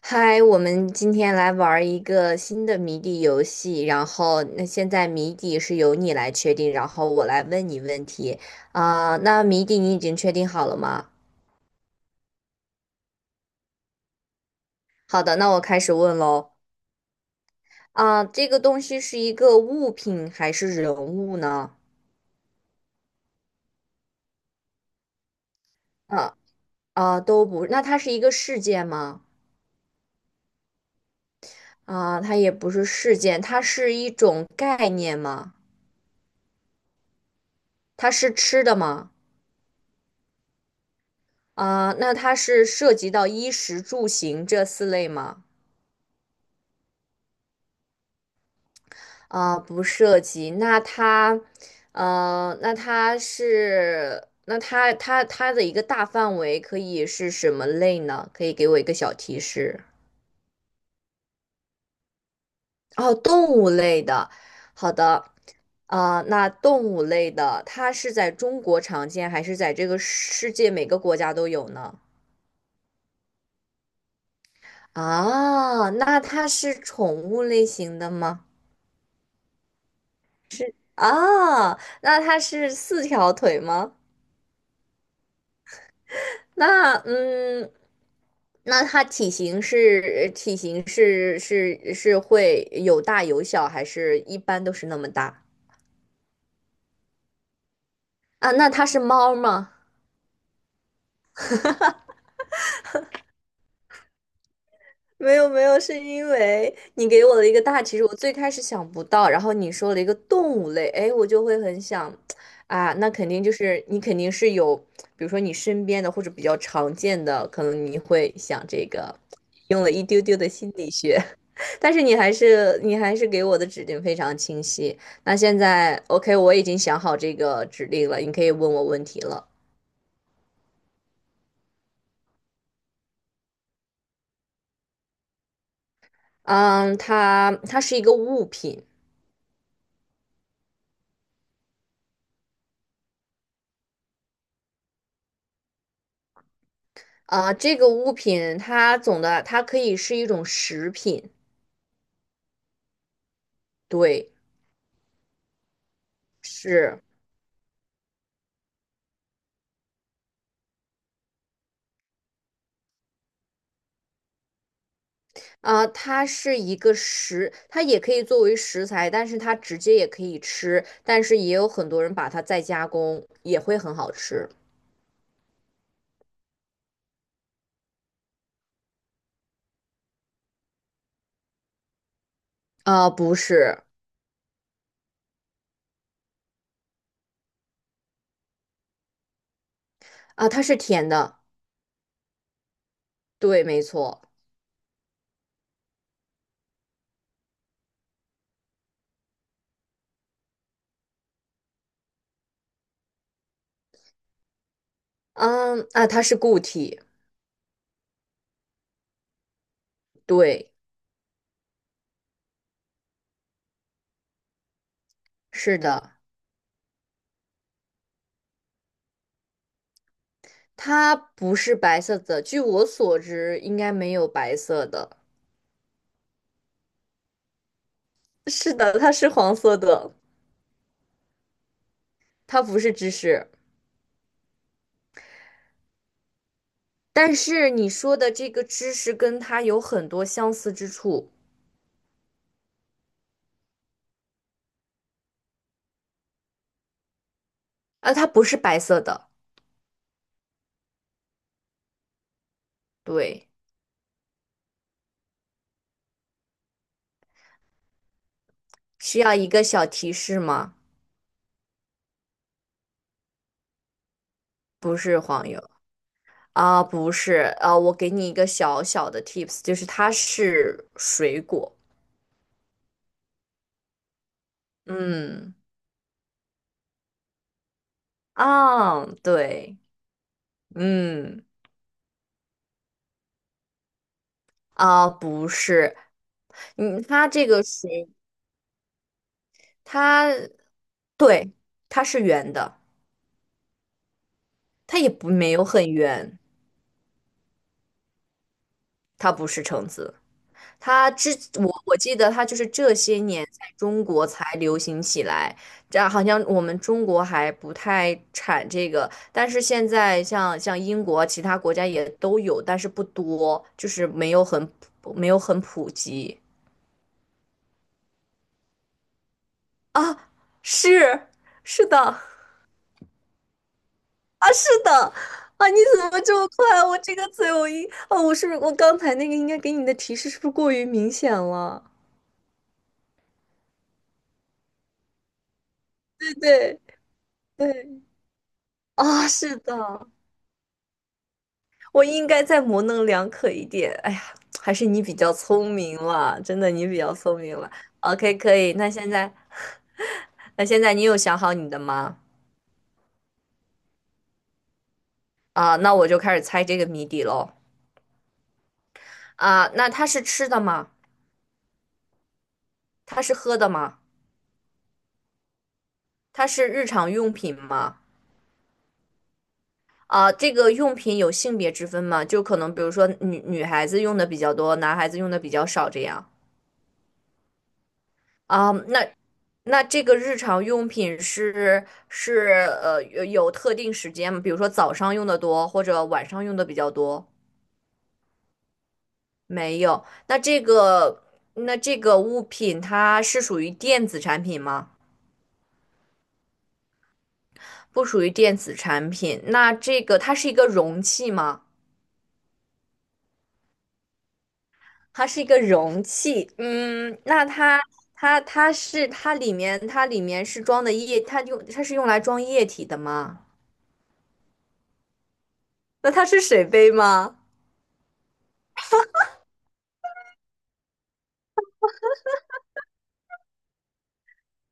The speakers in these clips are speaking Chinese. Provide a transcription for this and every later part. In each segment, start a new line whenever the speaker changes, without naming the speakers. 嗨，我们今天来玩儿一个新的谜底游戏，然后那现在谜底是由你来确定，然后我来问你问题。啊、那谜底你已经确定好了吗？好的，那我开始问喽。啊、这个东西是一个物品还是人物呢？啊、都不，那它是一个事件吗？啊、它也不是事件，它是一种概念吗？它是吃的吗？啊、那它是涉及到衣食住行这四类吗？啊，不涉及。那它，那它是，那它的一个大范围可以是什么类呢？可以给我一个小提示。哦，动物类的。好的，啊，那动物类的，它是在中国常见，还是在这个世界每个国家都有呢？啊，那它是宠物类型的吗？啊，那它是四条腿吗？那嗯，那它体型会有大有小，还是一般都是那么大？啊？那它是猫吗？没有没有，是因为你给我的一个大其实我最开始想不到，然后你说了一个动物类，哎，我就会很想，啊，那肯定就是你肯定是有，比如说你身边的或者比较常见的，可能你会想这个，用了一丢丢的心理学，但是你还是给我的指令非常清晰。那现在 OK,我已经想好这个指令了，你可以问我问题了。嗯，它是一个物品。啊、这个物品它总的它可以是一种食品，对，是，啊、它是一个食，它也可以作为食材，但是它直接也可以吃，但是也有很多人把它再加工，也会很好吃。啊、不是，啊、它是甜的，对，没错，嗯，啊、它是固体，对，是的，它不是白色的，据我所知，应该没有白色的，是的，它是黄色的，它不是芝士。但是你说的这个知识跟它有很多相似之处，啊，它不是白色的，对，需要一个小提示吗？不是黄油，啊，不是啊，我给你一个小小的 tips,就是它是水果，嗯，啊，对，嗯，啊，不是，嗯，它这个水，它对，它是圆的，它也不没有很圆，它不是橙子，他之我记得他就是这些年在中国才流行起来，这样好像我们中国还不太产这个，但是现在像英国啊其他国家也都有，但是不多，就是没有很普及。啊，是是的，啊是的啊，你怎么这么快啊？我这个嘴我一哦，我是不是我刚才那个应该给你的提示是不是过于明显了？对对对，啊，是的。我应该再模棱两可一点。哎呀，还是你比较聪明了，真的你比较聪明了。OK,可以。那现在，那现在你有想好你的吗？啊，那我就开始猜这个谜底喽。啊，那它是吃的吗？它是喝的吗？它是日常用品吗？啊，这个用品有性别之分吗？就可能比如说女孩子用的比较多，男孩子用的比较少这样。啊，那那这个日常用品是有特定时间吗？比如说早上用的多，或者晚上用的比较多？没有。那这个物品它是属于电子产品吗？不属于电子产品。那这个它是一个容器吗？它是一个容器。嗯，那它它里面是装的液，它是用来装液体的吗？那它是水杯吗？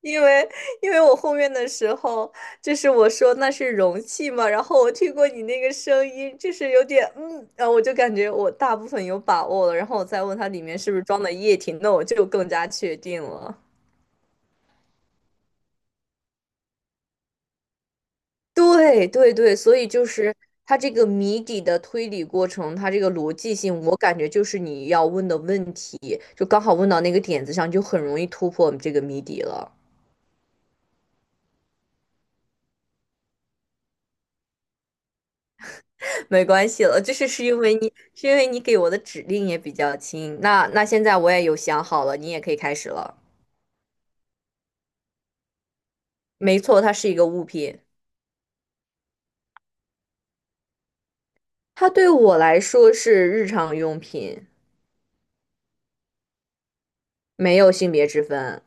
因为因为我后面的时候，就是我说那是容器嘛，然后我听过你那个声音，就是有点嗯，然后我就感觉我大部分有把握了，然后我再问它里面是不是装的液体，那我就更加确定了。对对对，所以就是它这个谜底的推理过程，它这个逻辑性，我感觉就是你要问的问题，就刚好问到那个点子上，就很容易突破这个谜底了。没关系了，就是是因为你给我的指令也比较轻。那现在我也有想好了，你也可以开始了。没错，它是一个物品，它对我来说是日常用品，没有性别之分，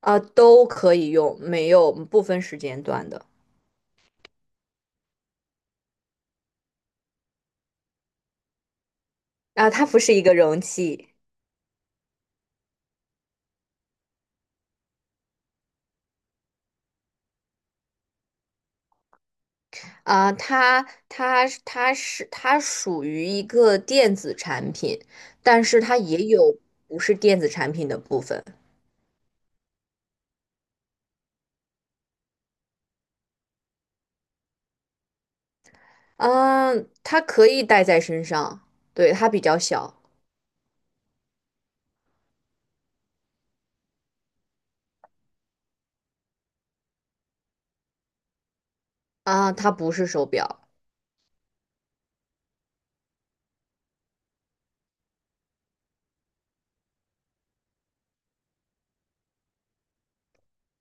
啊，都可以用，没有不分时间段的。啊。它不是一个容器，啊，它它属于一个电子产品，但是它也有不是电子产品的部分。嗯，它可以戴在身上，对，它比较小，啊，它不是手表，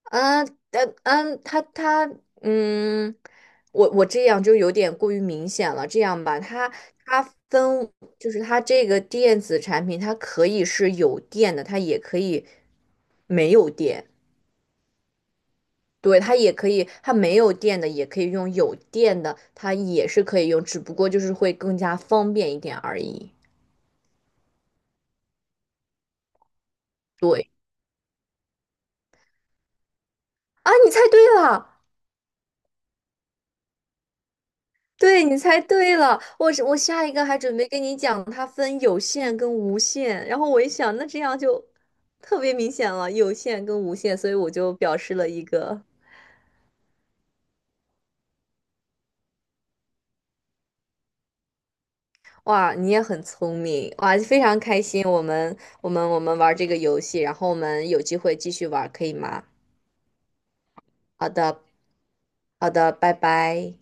啊，嗯但嗯，它它嗯，我这样就有点过于明显了，这样吧，它它分就是它这个电子产品，它可以是有电的，它也可以没有电，对，它也可以，它没有电的也可以用，有电的它也是可以用，只不过就是会更加方便一点而已。对，啊，你猜对了。对，你猜对了，我是我下一个还准备跟你讲，它分有限跟无限，然后我一想，那这样就特别明显了，有限跟无限，所以我就表示了一个，哇，你也很聪明，哇，非常开心，我们玩这个游戏，然后我们有机会继续玩，可以吗？好的，好的，拜拜。